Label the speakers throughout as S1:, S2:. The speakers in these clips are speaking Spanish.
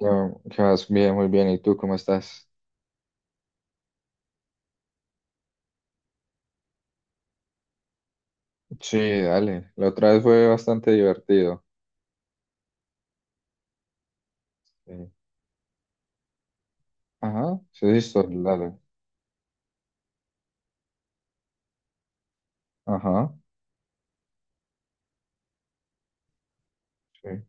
S1: No, que vas bien, muy bien. ¿Y tú cómo estás? Sí, dale. La otra vez fue bastante divertido. Sí. Ajá, sí, listo, dale. Ajá, sí.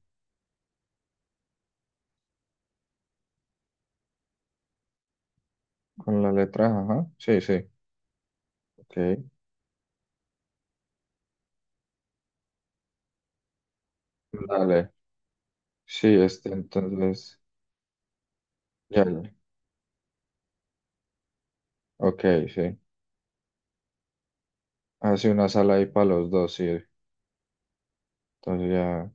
S1: Con la letra, ajá. Sí, sí. Ok. Dale. Sí, este, entonces. Ya, ya. Ok, sí. Hace una sala ahí para los dos, sí. Entonces ya.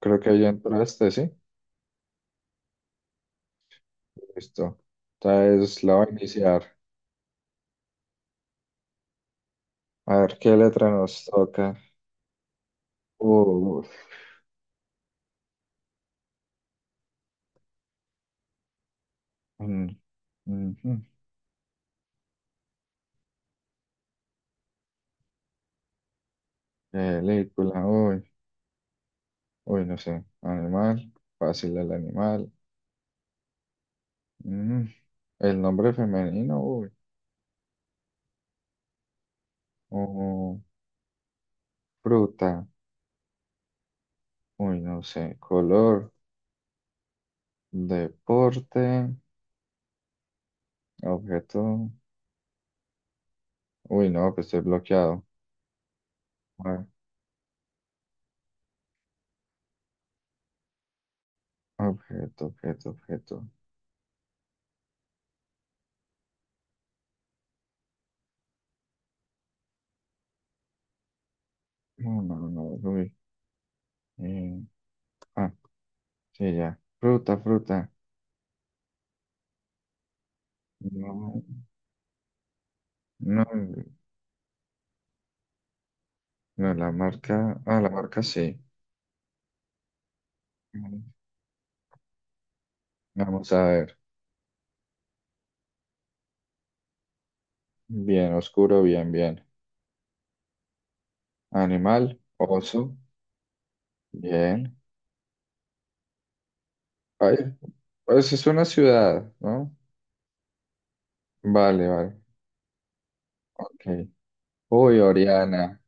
S1: Creo que ya entraste, sí. Listo. Entonces la voy a iniciar. A ver qué letra nos toca. Uh, mm, mm, mm. Película, uy. Uy, no sé. Animal. Fácil el animal. Mm, El nombre femenino, uy. O fruta. Uy, no sé. Color. Deporte. Objeto. Uy, no, que estoy bloqueado. Ah, Objeto, objeto, objeto. No, no, no, no, uy. Eh, ah, sí, ya. Fruta, fruta. No, no, no, la marca. Ah, la marca sí. Mm. Vamos a ver. Bien, oscuro, bien, bien. Animal, oso, bien. Ay, pues es una ciudad, ¿no? Vale, vale, ok. Uy, Oriana,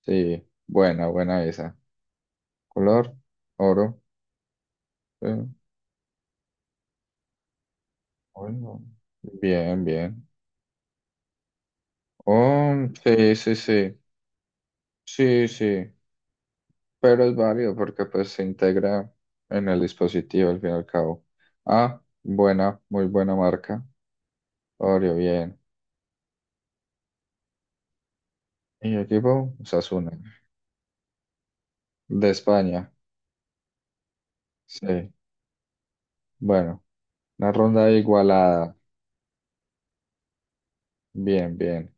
S1: sí, buena, buena esa. Color, oro, eh, bueno, bien, bien. Oh, sí, sí, sí, sí, sí, pero es válido porque pues se integra en el dispositivo al fin y al cabo. Ah, buena, muy buena marca. Oreo, bien. Y equipo, Osasuna, de España, sí, bueno. Una ronda igualada. Bien, bien.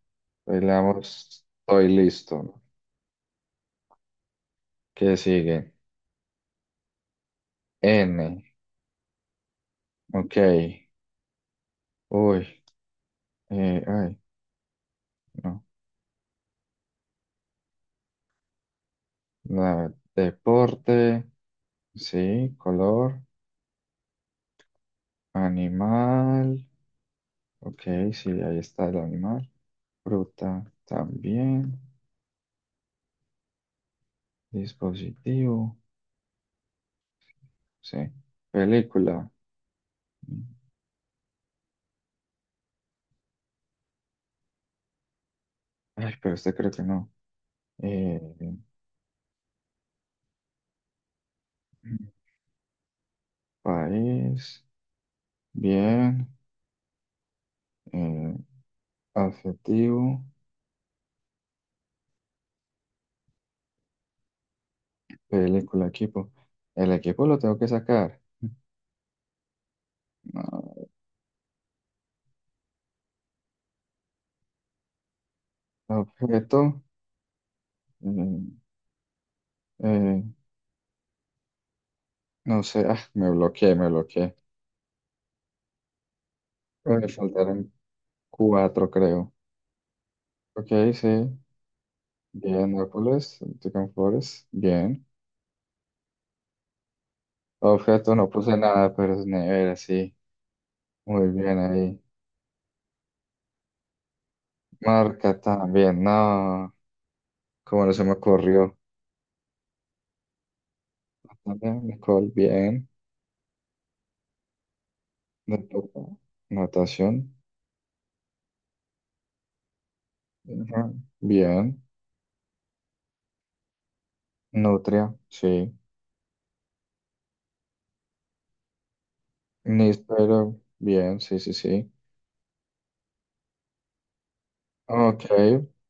S1: Bailamos. Estoy listo, ¿no? ¿Qué sigue? N. Ok. Uy, eh, ay, no. La- deporte. Sí. Color. Animal. Ok, sí, ahí está el animal. Fruta también. Dispositivo. Sí. Película. Ay, pero este creo que no. Eh, país. Bien. Eh, Adjetivo, película, equipo. El equipo lo tengo que sacar. No, objeto, mm, eh, no sé, me bloqueé, me bloqueé. Me faltaron cuatro, creo. Ok, sí. Bien, Nápoles, Tican Flores, bien. Objeto, no puse nada, pero es nevera, sí. Muy bien ahí. Marca también, no. Como no se me ocurrió. También, Nicole, bien. Nota- notación, ajá, bien. Nutria, sí. Níspero, bien, sí, sí, sí. Ok,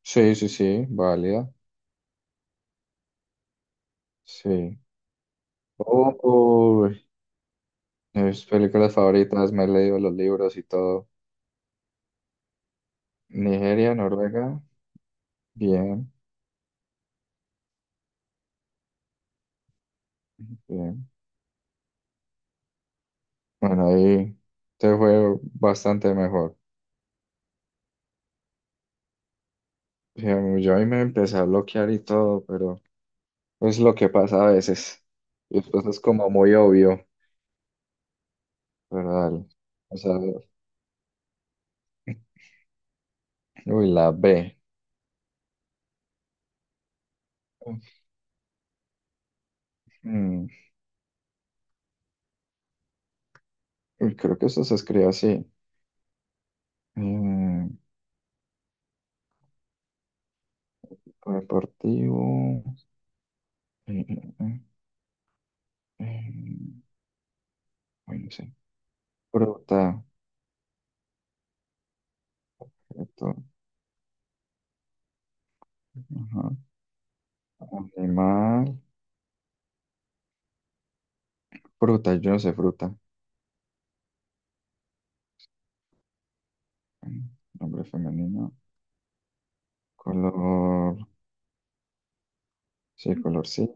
S1: sí, sí, sí, válida, sí. Uy, mis películas favoritas, me he leído los libros y todo. Nigeria, Noruega, bien, bien. Bueno, ahí te fue bastante mejor. Sí, a mí- yo ahí me empecé a bloquear y todo, pero es lo que pasa a veces. Y después es como muy obvio, pero dale. O sea, uy, la B. Uy, creo que eso se escribe así. Eh, deportivo. eh, eh, eh, eh, uy, no sé. Fruta. Fruto, ajá. Animal. Fruta, yo no sé fruta. Eh, Nombre femenino. Color. Sí, color sí.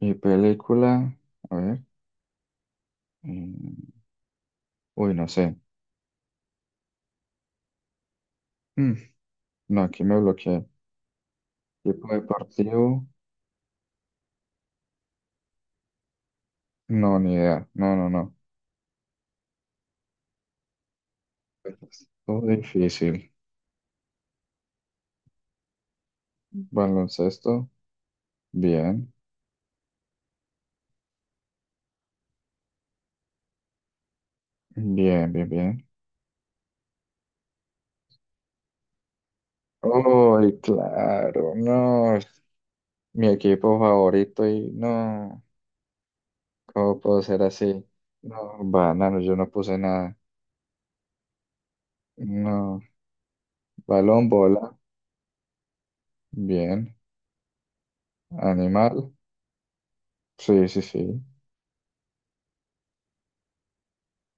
S1: Y película. A ver. eh, uy, no sé. Mm, no, aquí me bloqueé. Tipo de partido. No, ni idea. No, no, no. Estuvo difícil. Baloncesto. Bien. Bien, bien, bien. Uy, claro, no, es mi equipo favorito y no, ¿cómo puedo ser así? No, banano, yo no puse nada. No, balón, bola, bien. Animal, sí, sí, sí.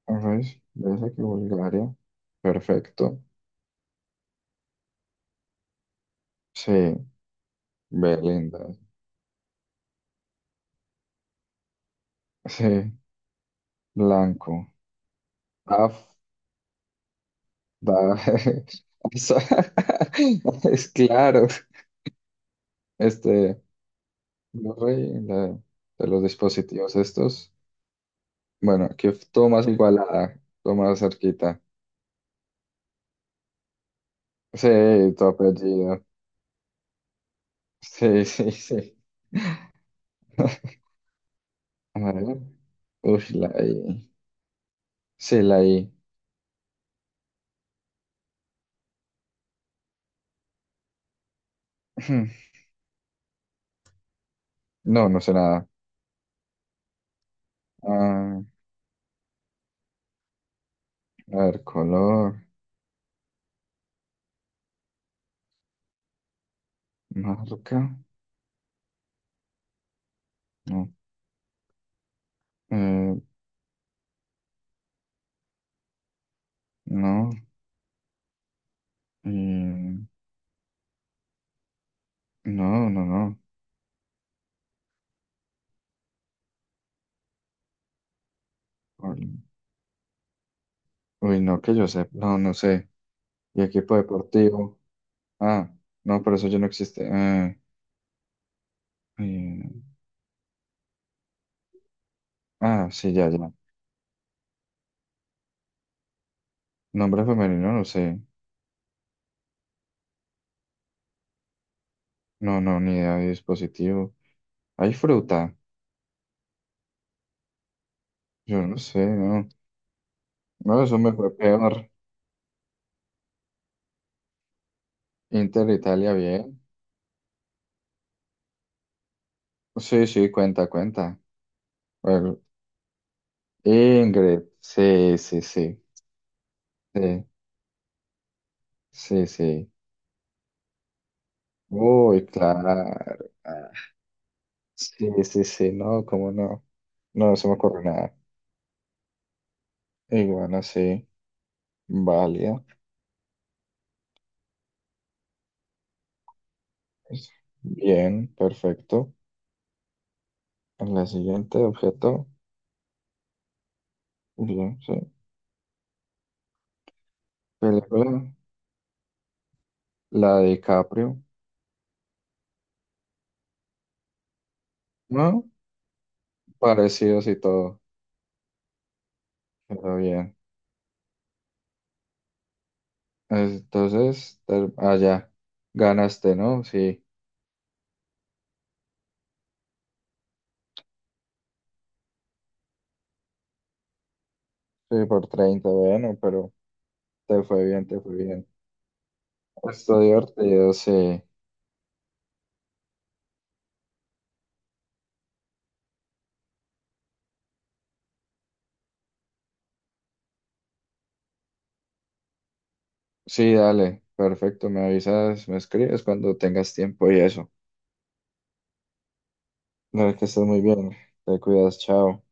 S1: ¿Ves? ¿Ves aquí Bulgaria? Perfecto. Sí, Belinda. Sí, blanco. Af, da, es claro, este. Blu-ray, la- de los dispositivos estos. Bueno, que f- todo más igualada, todo más cerquita. Sí, tu apellido. Sí, sí, sí. A ver. Uy, la I. Sí, la I. No, no sé nada. Ah, a ver, color, marca. No. Eh, no. Mm, no, no, no. Uy, no, que yo sé. No, no sé. Y equipo deportivo. Ah, no, pero eso ya no existe. Ah. Eh, sí, ya, ya. Nombre femenino, no sé. No, no, ni idea de dispositivo. Hay fruta. Yo no sé, no. No, eso me fue peor. Inter Italia, bien. Sí, sí, cuenta, cuenta. Bueno, Ingrid. Sí, sí, sí. Sí, sí, sí. Uy, claro. Ah, sí, sí, sí, no, cómo no. No, no se me ocurre nada. Iguana, sí. Válida. Pues, bien, perfecto. La siguiente objeto. Bien, sí. Película, la de DiCaprio, ¿no? Parecidos y todo, pero bien. Entonces, te- allá, ganaste, ¿no? Sí, sí, por 30, bueno, pero te fue bien, te fue bien. Estuvo divertido, sí. Sí, dale, perfecto, me avisas, me escribes cuando tengas tiempo y eso. Dale, que estés muy bien, te cuidas, chao.